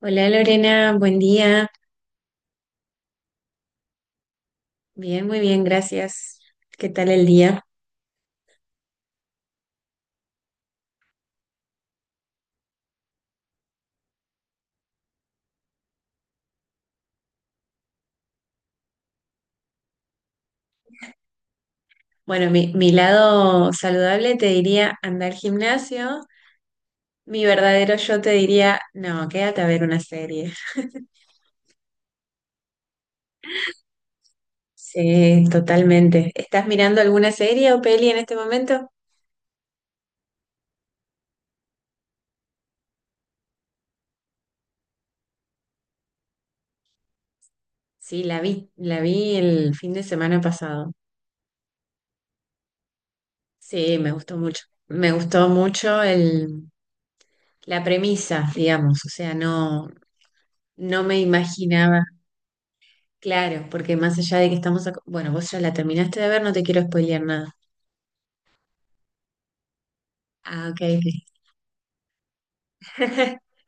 Hola Lorena, buen día. Bien, muy bien, gracias. ¿Qué tal el día? Bueno, mi lado saludable te diría andar al gimnasio. Mi verdadero yo te diría, no, quédate a ver una serie. Sí, totalmente. ¿Estás mirando alguna serie o peli en este momento? Sí, la vi el fin de semana pasado. Sí, me gustó mucho. Me gustó mucho la premisa, digamos. O sea, no, no me imaginaba. Claro, porque más allá de que estamos... Bueno, vos ya la terminaste de ver, no te quiero spoilear nada. Ah, ok, ok.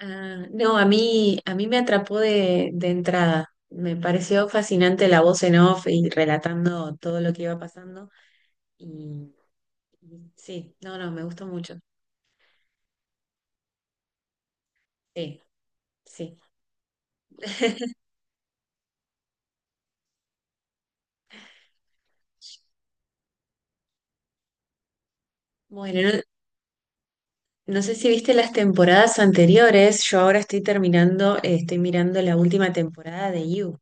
Ah, no, a mí me atrapó de entrada. Me pareció fascinante la voz en off y relatando todo lo que iba pasando. Y, y sí, no, no, me gustó mucho. Sí, sí. Bueno, no, no sé si viste las temporadas anteriores. Yo ahora estoy terminando, estoy mirando la última temporada de You.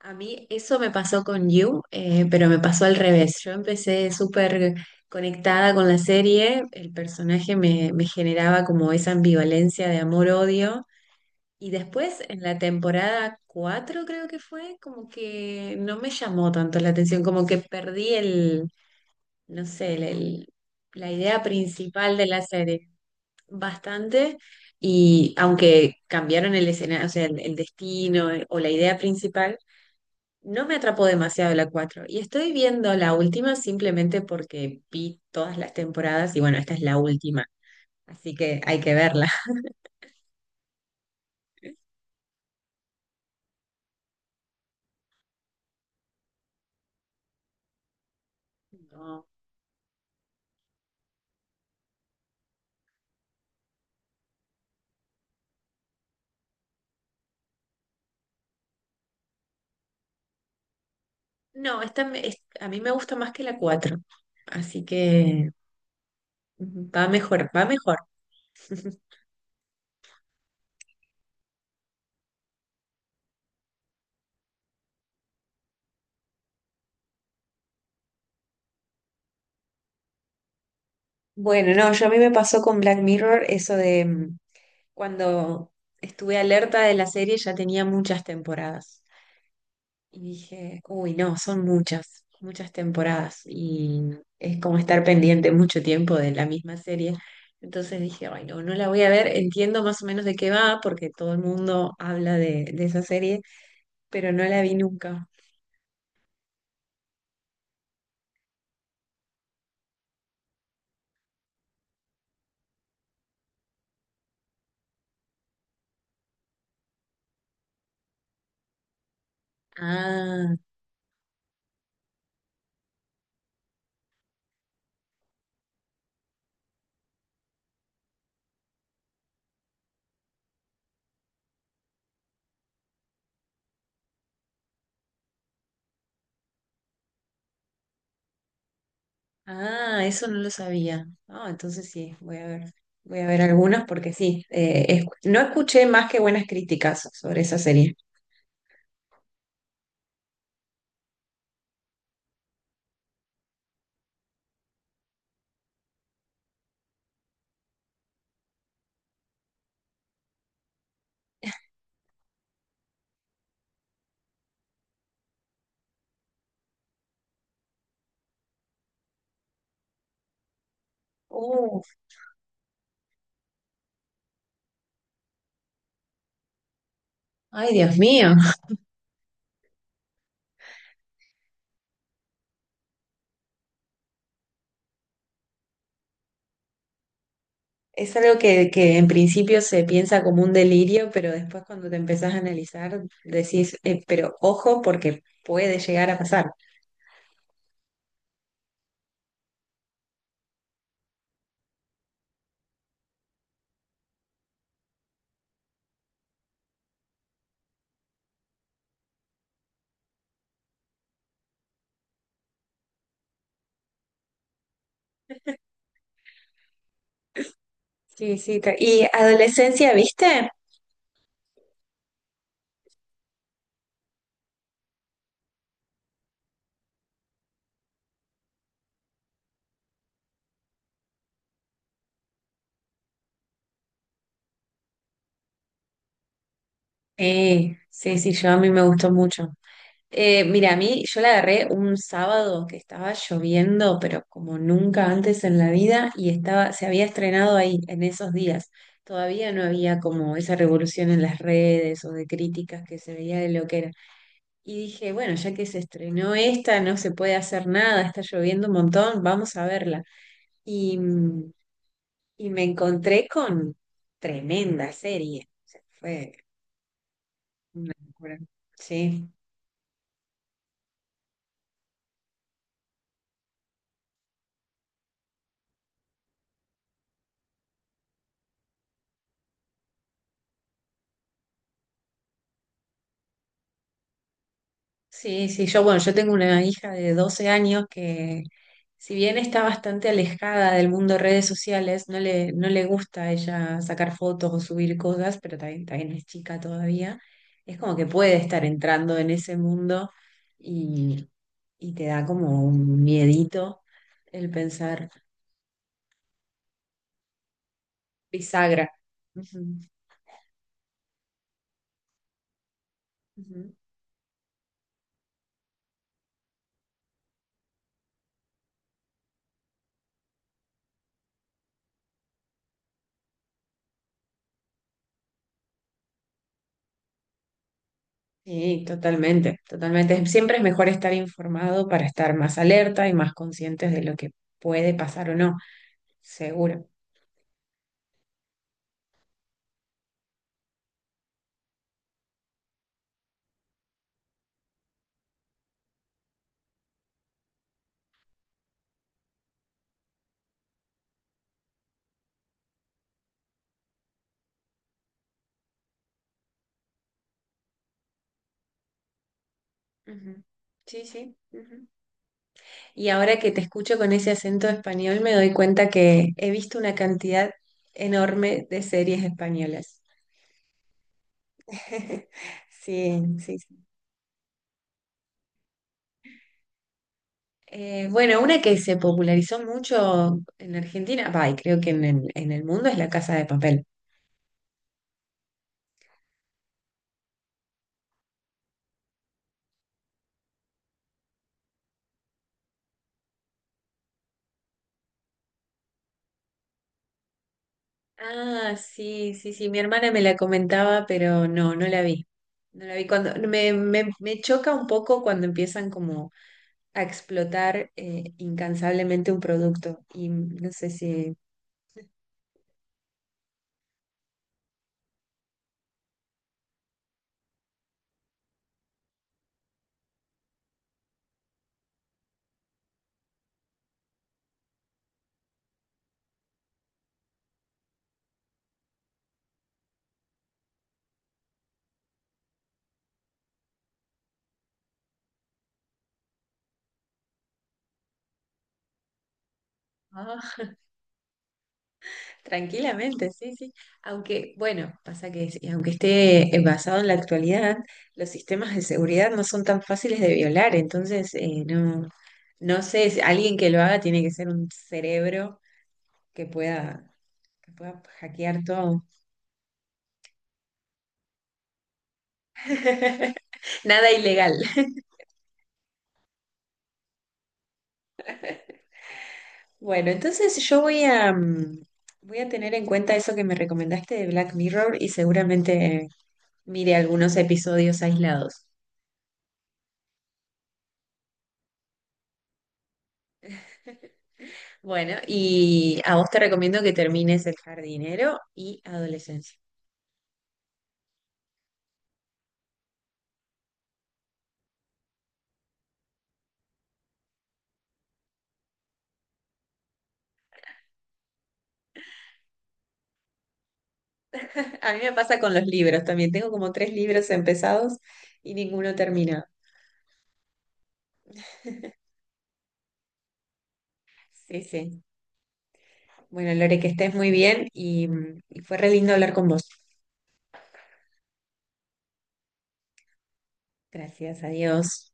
A mí eso me pasó con You, pero me pasó al revés. Yo empecé súper conectada con la serie, el personaje me generaba como esa ambivalencia de amor-odio. Y después en la temporada 4 creo que fue, como que no me llamó tanto la atención, como que perdí no sé, la idea principal de la serie bastante. Y aunque cambiaron el escenario, o sea, el destino o la idea principal no me atrapó demasiado la 4 y estoy viendo la última simplemente porque vi todas las temporadas y bueno, esta es la última, así que hay que verla. No, no, a mí me gusta más que la cuatro, así que ujú, va mejor, va mejor. Bueno, no, yo a mí me pasó con Black Mirror eso de cuando estuve alerta de la serie ya tenía muchas temporadas. Y dije, uy, no, son muchas, muchas temporadas y es como estar pendiente mucho tiempo de la misma serie. Entonces dije, ay, no, no la voy a ver, entiendo más o menos de qué va porque todo el mundo habla de esa serie, pero no la vi nunca. Ah, Ah, eso no lo sabía. Ah, entonces sí, voy a ver algunas porque sí, no escuché más que buenas críticas sobre esa serie. Uf, ay, Dios mío. Es algo que en principio se piensa como un delirio, pero después cuando te empezás a analizar decís, pero ojo porque puede llegar a pasar. Sí, sí. ¿Y adolescencia, viste? Sí, sí, sí, yo a mí me gustó mucho. Mira, a mí yo la agarré un sábado que estaba lloviendo, pero como nunca antes en la vida, y estaba, se había estrenado ahí en esos días. Todavía no había como esa revolución en las redes o de críticas que se veía de lo que era. Y dije, bueno, ya que se estrenó esta, no se puede hacer nada, está lloviendo un montón, vamos a verla. Y, y me encontré con tremenda serie. O sea, fue una locura. Sí. Sí, sí, yo, bueno, yo tengo una hija de 12 años que, si bien está bastante alejada del mundo de redes sociales, no le gusta a ella sacar fotos o subir cosas, pero también, también es chica todavía. Es como que puede estar entrando en ese mundo y, y te da como un miedito el pensar bisagra. Ujú, ujú. Sí, totalmente, totalmente. Siempre es mejor estar informado para estar más alerta y más conscientes de lo que puede pasar o no. Seguro. Ujú. Sí, sí. Ujú. Y ahora que te escucho con ese acento español, me doy cuenta que he visto una cantidad enorme de series españolas. Sí, sí, sí. Bueno, una que se popularizó mucho en Argentina, va, y creo que en el mundo es La Casa de Papel. Ah, sí, sí, sí, mi hermana me la comentaba, pero no, no la vi. No la vi cuando me choca un poco cuando empiezan como a explotar incansablemente un producto. Y no sé si... Ah, tranquilamente, sí, sí. Aunque, bueno, pasa que sí, aunque esté basado en la actualidad, los sistemas de seguridad no son tan fáciles de violar. Entonces, no, no sé, si alguien que lo haga tiene que ser un cerebro que pueda, que pueda hackear todo. Nada ilegal. Bueno, entonces yo voy a, voy a tener en cuenta eso que me recomendaste de Black Mirror y seguramente mire algunos episodios aislados. Bueno, y a vos te recomiendo que termines El jardinero y Adolescencia. A mí me pasa con los libros también. Tengo como 3 libros empezados y ninguno terminado. Sí, sí. Bueno, Lore, que estés muy bien y, y fue re lindo hablar con vos. Gracias, adiós.